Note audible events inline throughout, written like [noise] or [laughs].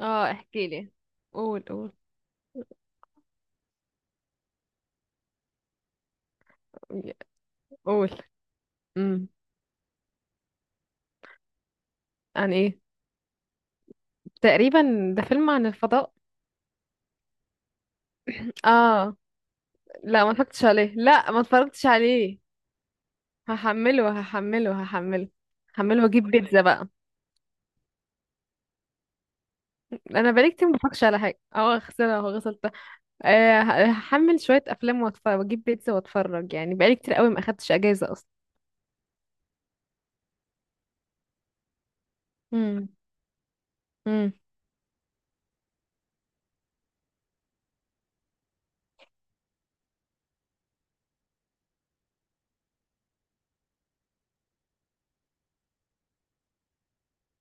اه، احكي لي. قول قول قول. امم. عن ايه؟ تقريبا ده فيلم عن الفضاء. اه، لا ما اتفرجتش عليه، لا ما اتفرجتش عليه. هحمله هحمله هحمله هحمله واجيب بيتزا بقى. انا بقالي كتير ما اتفرجش على حاجه، خسرها وغسلتها. آه، هحمل شويه افلام واتفرج واجيب بيتزا واتفرج، يعني بقالي كتير قوي ما اخدتش اجازه اصلا. امم. امم.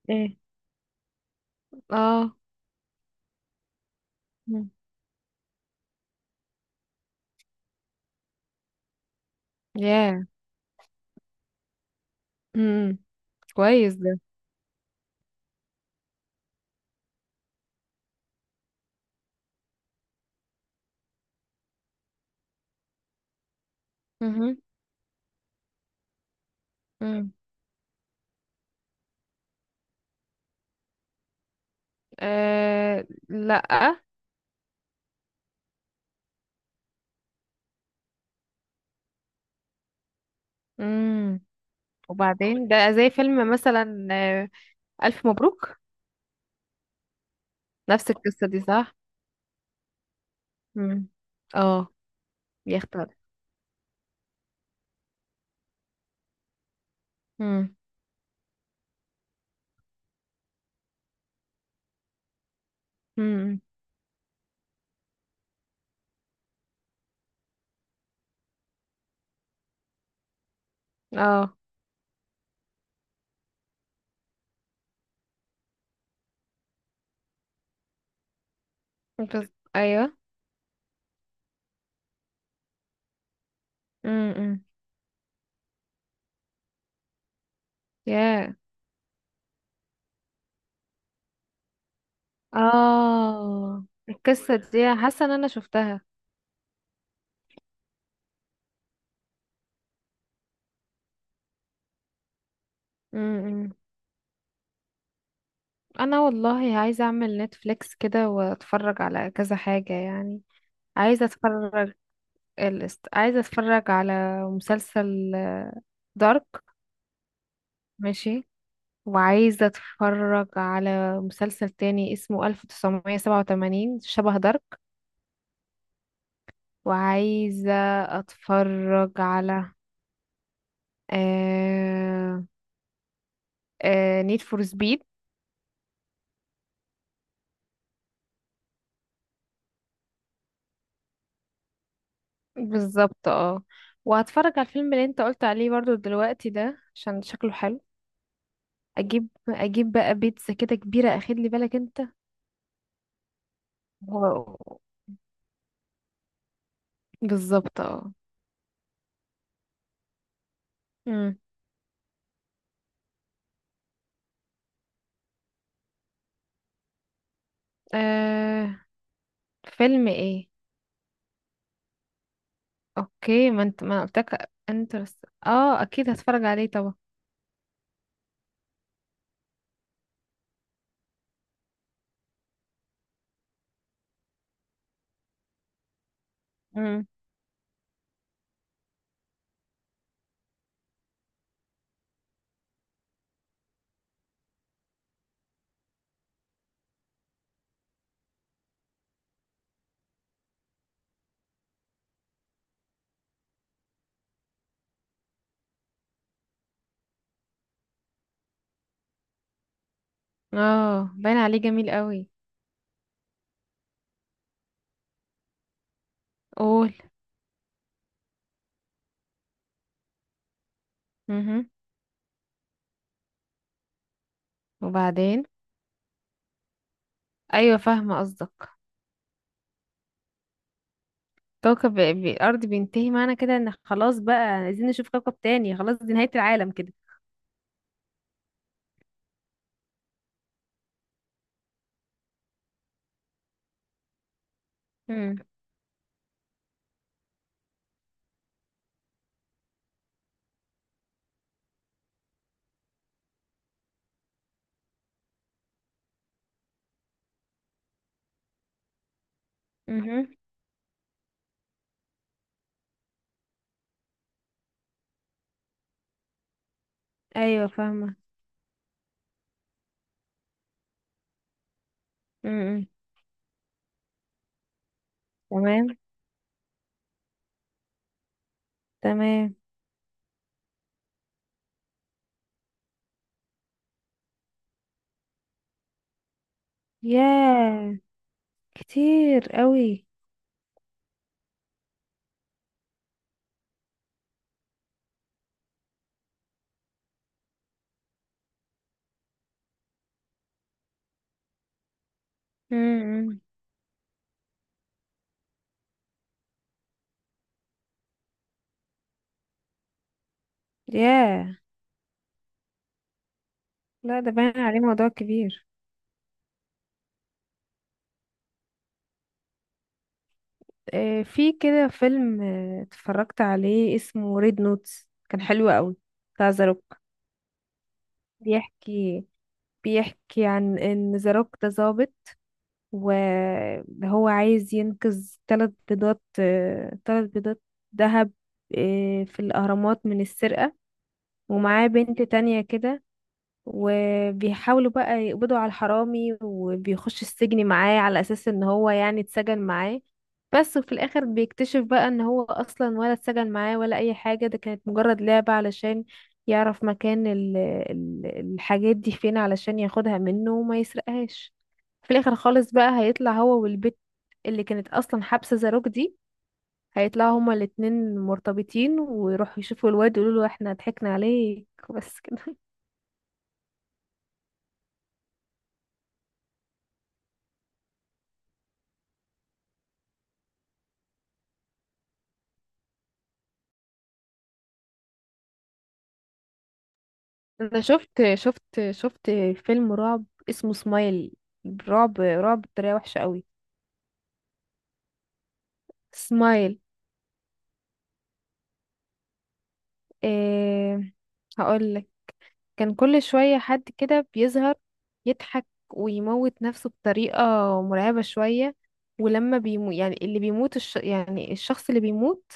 ايه. اه. مم. ياه. امم. كويس ده. امم. أه، لأ. مم. وبعدين ده زي فيلم مثلا، آه. ألف مبروك. نفس القصة دي صح؟ مم. اه، بيختار. مم. مم. اه. بس. أيوه. مم. مم. ياه. اه، القصة دي حاسة إن أنا شفتها. مم. أنا والله عايزة أعمل نتفليكس كده وأتفرج على كذا حاجة يعني. عايزة أتفرج. عايزة أتفرج على مسلسل دارك. ماشي. وعايزة اتفرج على مسلسل تاني اسمه 1987 شبه دارك. وعايزة اتفرج على آه نيد فور سبيد. بالظبط اه. وهتفرج على الفيلم اللي انت قلت عليه برضو دلوقتي ده عشان شكله حلو. اجيب اجيب بقى بيتزا كده كبيرة، اخد لي بالك انت. و- بالظبط اه. مم. آه. فيلم ايه؟ اوكي. ما أنا قلتلك انترست، اه اكيد هتفرج عليه طبعا. امم. اه، باين عليه جميل قوي. قول. امم. وبعدين. ايوه فاهمه قصدك. كوكب ب- الارض بينتهي، معنى كده ان خلاص بقى عايزين نشوف كوكب تاني، خلاص دي نهايه العالم كده. امم. امم. ايوه فاهمه. امم. تمام. تمام. ياه، كتير قوي. امم. ياه. لا ده باين عليه موضوع كبير. آه، في كده فيلم اتفرجت عليه اسمه ريد نوتس، كان حلو قوي. بتاع ذا روك. بيحكي بيحكي عن ان ذا روك ده ظابط، وهو عايز ينقذ ثلاث بيضات، ثلاث بيضات ذهب، في الأهرامات من السرقة. ومعاه بنت تانية كده. وبيحاولوا بقى يقبضوا على الحرامي، وبيخش السجن معاه على اساس ان هو يعني اتسجن معاه بس. وفي الاخر بيكتشف بقى ان هو اصلا ولا اتسجن معاه ولا اي حاجة، ده كانت مجرد لعبة علشان يعرف مكان ال الحاجات دي فين علشان ياخدها منه وما يسرقهاش. في الاخر خالص بقى هيطلع هو والبت اللي كانت اصلا حابسة زاروك دي، هيطلعوا هما الاتنين مرتبطين ويروحوا يشوفوا الواد يقولوا له احنا ضحكنا عليك بس كده. انا شفت شفت شفت فيلم رعب اسمه سمايل، رعب رعب بطريقه وحشه قوي. سمايل. إيه، هقول لك. كان كل شويه حد كده بيظهر، يضحك ويموت نفسه بطريقه مرعبه شويه. ولما يعني اللي بيموت، يعني الشخص اللي بيموت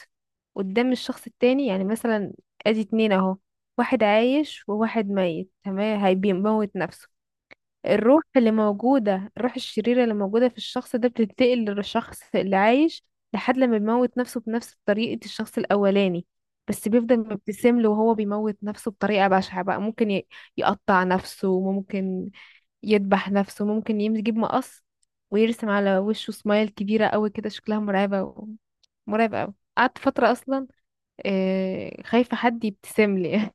قدام الشخص التاني، يعني مثلا ادي اتنين اهو، واحد عايش وواحد ميت، تمام، هيموت نفسه. الروح اللي موجودة، الروح الشريرة اللي موجودة في الشخص ده بتنتقل للشخص اللي عايش، لحد لما بيموت نفسه بنفس طريقة الشخص الأولاني، بس بيفضل مبتسم له، وهو بيموت نفسه بطريقة بشعة بقى، ممكن يقطع نفسه، ممكن يذبح نفسه، ممكن يجيب مقص ويرسم على وشه سمايل كبيرة قوي كده شكلها مرعبة، و... مرعب قوي قعدت فترة أصلا خايفة حد يبتسم لي.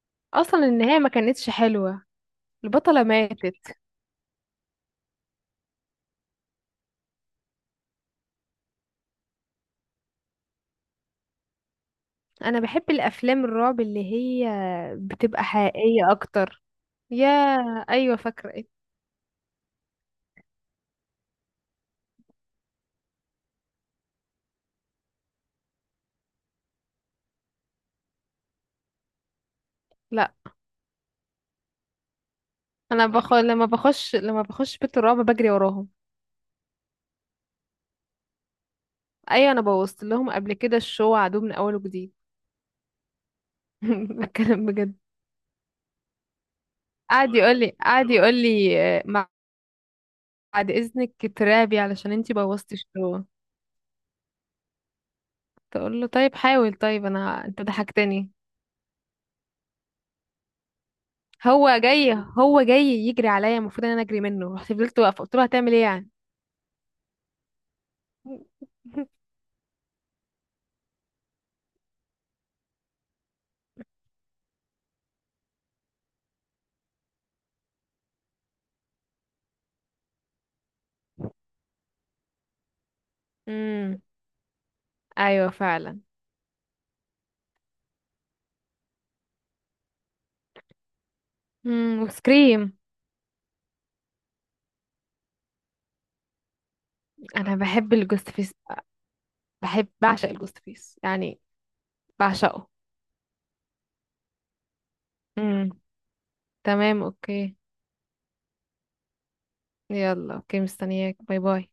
[laughs] أصلا النهاية ما كانتش حلوة. البطلة ماتت. انا بحب الافلام الرعب اللي هي بتبقى حقيقية اكتر. يا ايوه، فاكرة ايه؟ لا، انا لما بخش بيت الرعب بجري وراهم. ايوه انا بوظت لهم قبل كده الشو، عدو من اول وجديد. [laughs] بتكلم بجد. قعد يقول لي قعد يقول لي آه، بعد اذنك ترابي علشان انتي بوظتي الشو. تقول له طيب حاول، طيب انا انت ضحكتني. هو جاي هو جاي يجري عليا المفروض ان انا اجري منه، رحت فضلت واقفه قلت له هتعمل ايه يعني. [laughs] امم. ايوه فعلا. امم. وسكريم. انا بحب الجوست فيس، بحب بعشق الجوست فيس يعني، بعشقه. امم. تمام اوكي. يلا اوكي، مستنياك، باي باي.